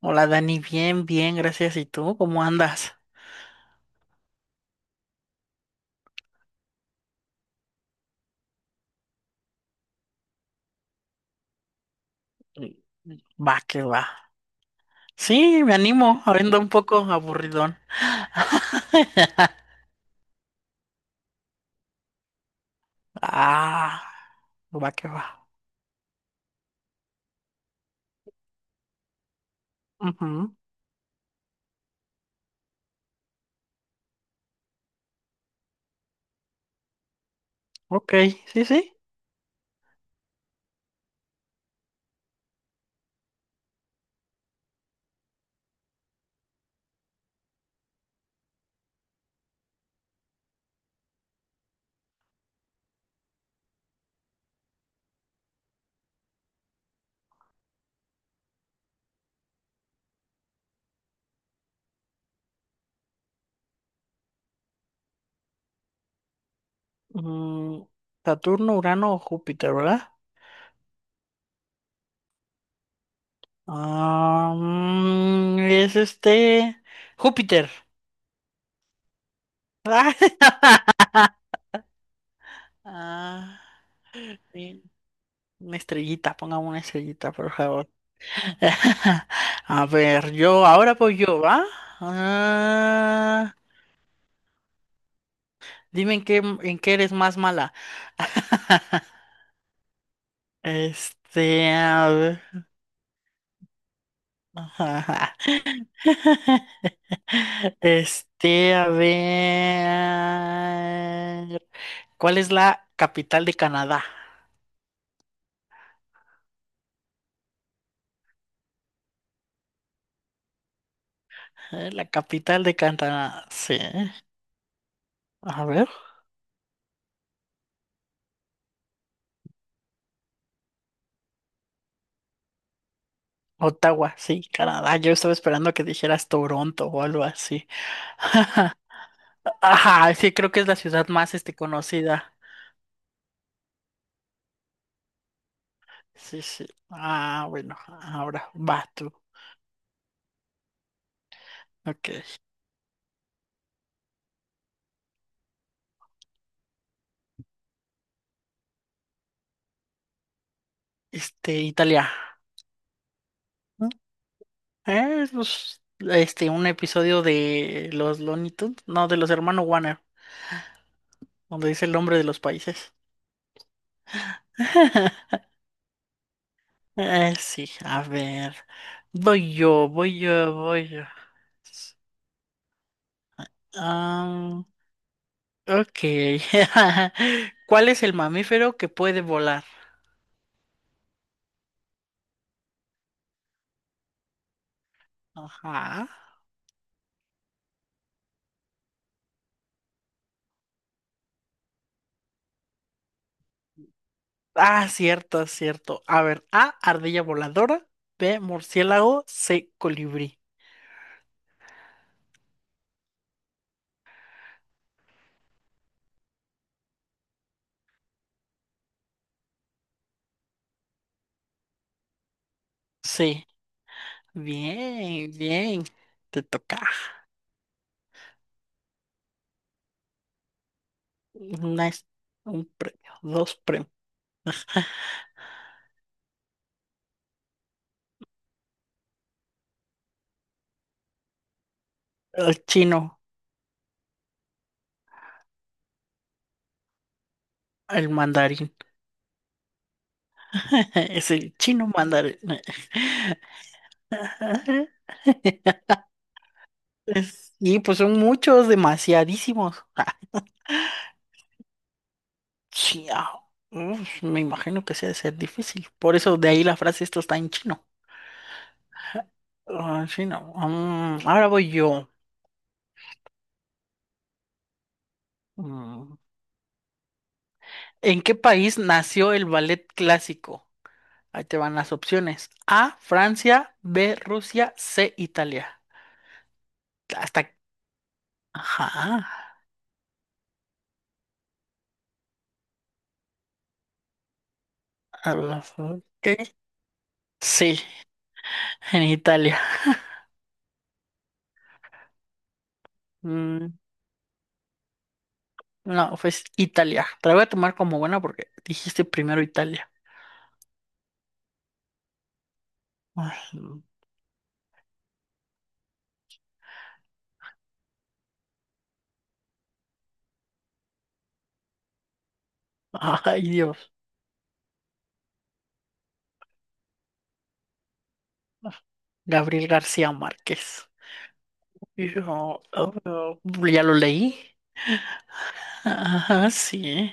Hola Dani, bien, bien, gracias. ¿Y tú cómo andas? Va, que va. Sí, me animo, abriendo un poco aburridón. Ah, va, que va. Ujú, ok, sí, sí. Mm, Saturno, Urano o Júpiter, ¿verdad? Ah, es este, Júpiter. Ah, sí. Una estrellita, pongamos una estrellita, por favor. A ver, yo, ahora voy yo, ¿va? Ah, dime en qué eres más mala. Este, a ver. Ajá. Este, a ver. ¿Cuál es la capital de Canadá? La capital de Canadá, sí. A ver. Ottawa, sí, Canadá. Yo estaba esperando que dijeras Toronto o algo así. Ajá, sí, creo que es la ciudad más conocida. Sí, sí. Ah, bueno, ahora va tú. Ok. Italia. Pues, un episodio de los Looney Tunes, no, de los hermanos Warner, donde dice el nombre de los países. Sí, a ver. Voy yo, voy yo, voy yo. Ah, ok. ¿Cuál es el mamífero que puede volar? Ajá. Ah, cierto, cierto. A ver, A, ardilla voladora, B, murciélago, C, colibrí. Sí, bien, bien. Te toca. Una es- un premio, dos premios. El chino, el mandarín. Es el chino mandarín. Y pues son muchos, demasiadísimos. Ah, chiao. Uf, me imagino que sea de ser difícil. Por eso de ahí la frase esto está en chino. Ah, chino. Ahora voy yo. Mm. ¿En qué país nació el ballet clásico? Ahí te van las opciones. A, Francia, B, Rusia, C, Italia. Hasta. Ajá. A, ok. Sí, en Italia. Mm, no, pues Italia. Te la voy a tomar como buena porque dijiste primero Italia. Ay, ay, Dios. Gabriel García Márquez. Y yo, oh, ya lo leí. Ajá, sí.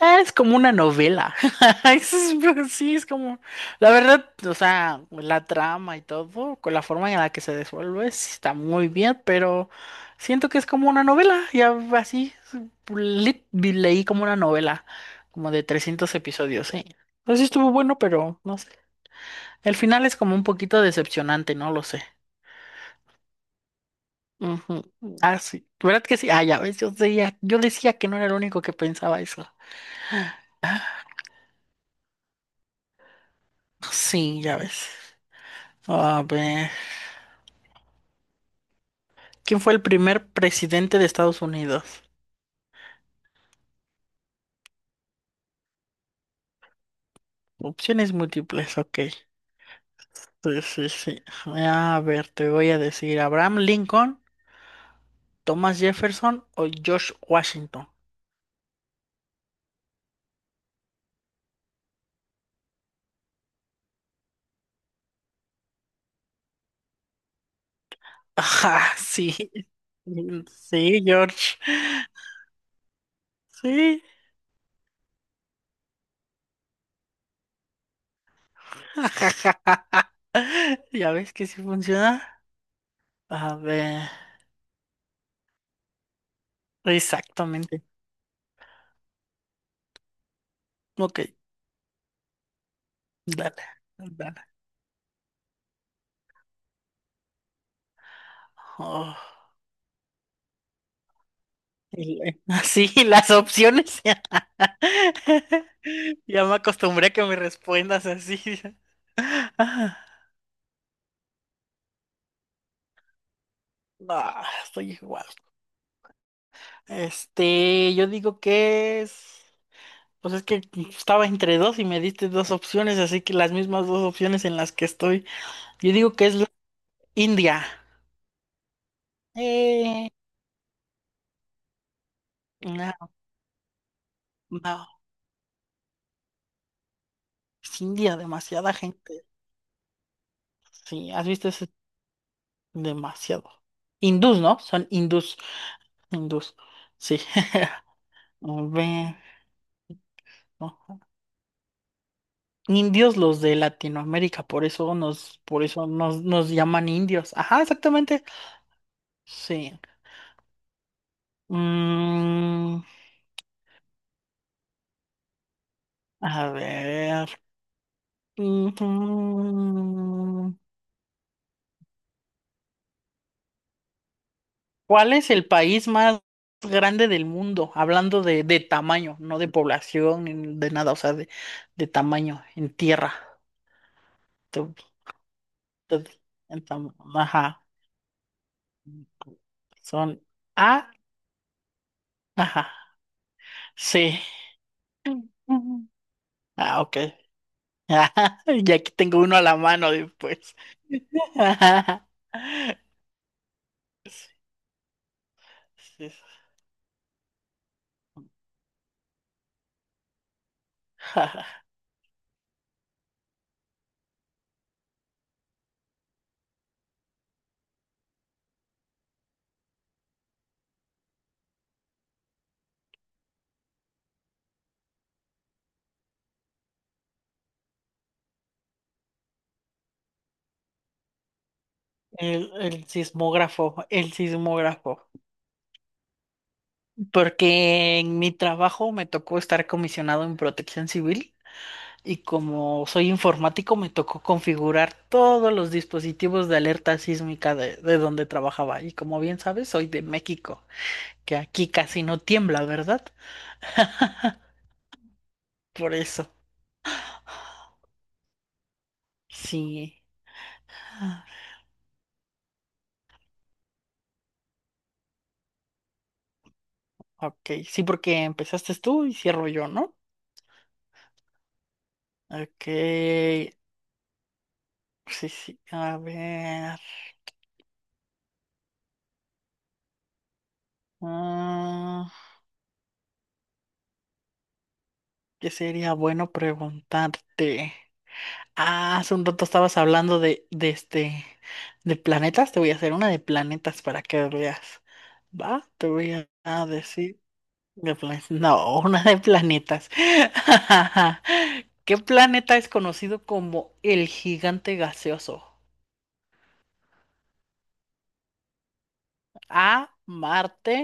Ah, es como una novela. Sí, es como. La verdad, o sea, la trama y todo, con la forma en la que se desenvuelve, sí está muy bien, pero siento que es como una novela. Ya así, le- leí como una novela, como de 300 episodios, sí. Pues sí estuvo bueno, pero no sé. El final es como un poquito decepcionante, no lo sé. Ujú. Ah, sí. ¿Verdad que sí? Ah, ya ves, yo decía que no era el único que pensaba eso. Sí, ya ves. A ver. ¿Quién fue el primer presidente de Estados Unidos? Opciones múltiples, ok. Sí, sí, sí. A ver, te voy a decir, ¿Abraham Lincoln, Thomas Jefferson o George Washington? Ajá, sí. Sí, George. Sí. Ya ves que sí funciona. A ver, exactamente. Ok, dale, dale. Oh. Así, las opciones. Ya me acostumbré a que me respondas así. No, estoy igual. Yo digo que es. Pues es que estaba entre dos y me diste dos opciones, así que las mismas dos opciones en las que estoy. Yo digo que es la India. Eh, no, no. Es India, demasiada gente. Sí, has visto ese demasiado. Hindús, ¿no? Son hindús. Hindús. Sí. A ver, ajá. Indios los de Latinoamérica, por eso nos llaman indios. Ajá, exactamente. Sí. Mm, a ver. Ujú. ¿Cuál es el país más grande del mundo? Hablando de tamaño, no de población, ni de nada, o sea, de tamaño, en tierra. Tu- tu- ajá. Son A, ajá, sí. Ujú. Ah, ok. Ajá, y aquí tengo uno a la mano después. Ajá, sí, sí, ajá. El sismógrafo, el sismógrafo. Porque en mi trabajo me tocó estar comisionado en Protección Civil y como soy informático me tocó configurar todos los dispositivos de alerta sísmica de donde trabajaba. Y como bien sabes, soy de México, que aquí casi no tiembla, ¿verdad? Por eso, sí. Ok, sí, porque empezaste tú y cierro yo, ¿no? Ok, sí, sí, a ver. Ah, ¿qué sería bueno preguntarte? Ah, hace un rato estabas hablando de este, de planetas. Te voy a hacer una de planetas para que veas. ¿Va? Te voy a decir de planetas. No, una de planetas. ¿Qué planeta es conocido como el gigante gaseoso? A, Marte.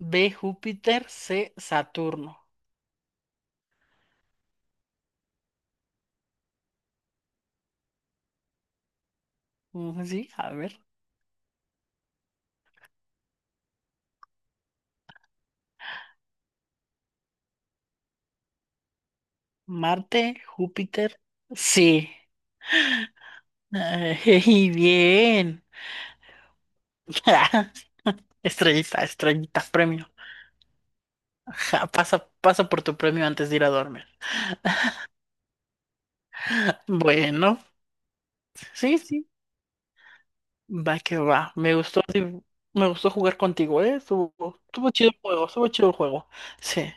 B, Júpiter, C, Saturno. Sí, a ver. Marte, Júpiter, sí. Ay, bien. Estrellita, estrellita, premio. Ja, pasa, pasa por tu premio antes de ir a dormir. Bueno, sí, sí. Va que va. Me gustó, sí, me gustó jugar contigo, ¿eh? Estuvo chido el juego, estuvo chido el juego. Sí.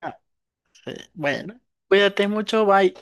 Ah, sí. Bueno, cuídate mucho, bye.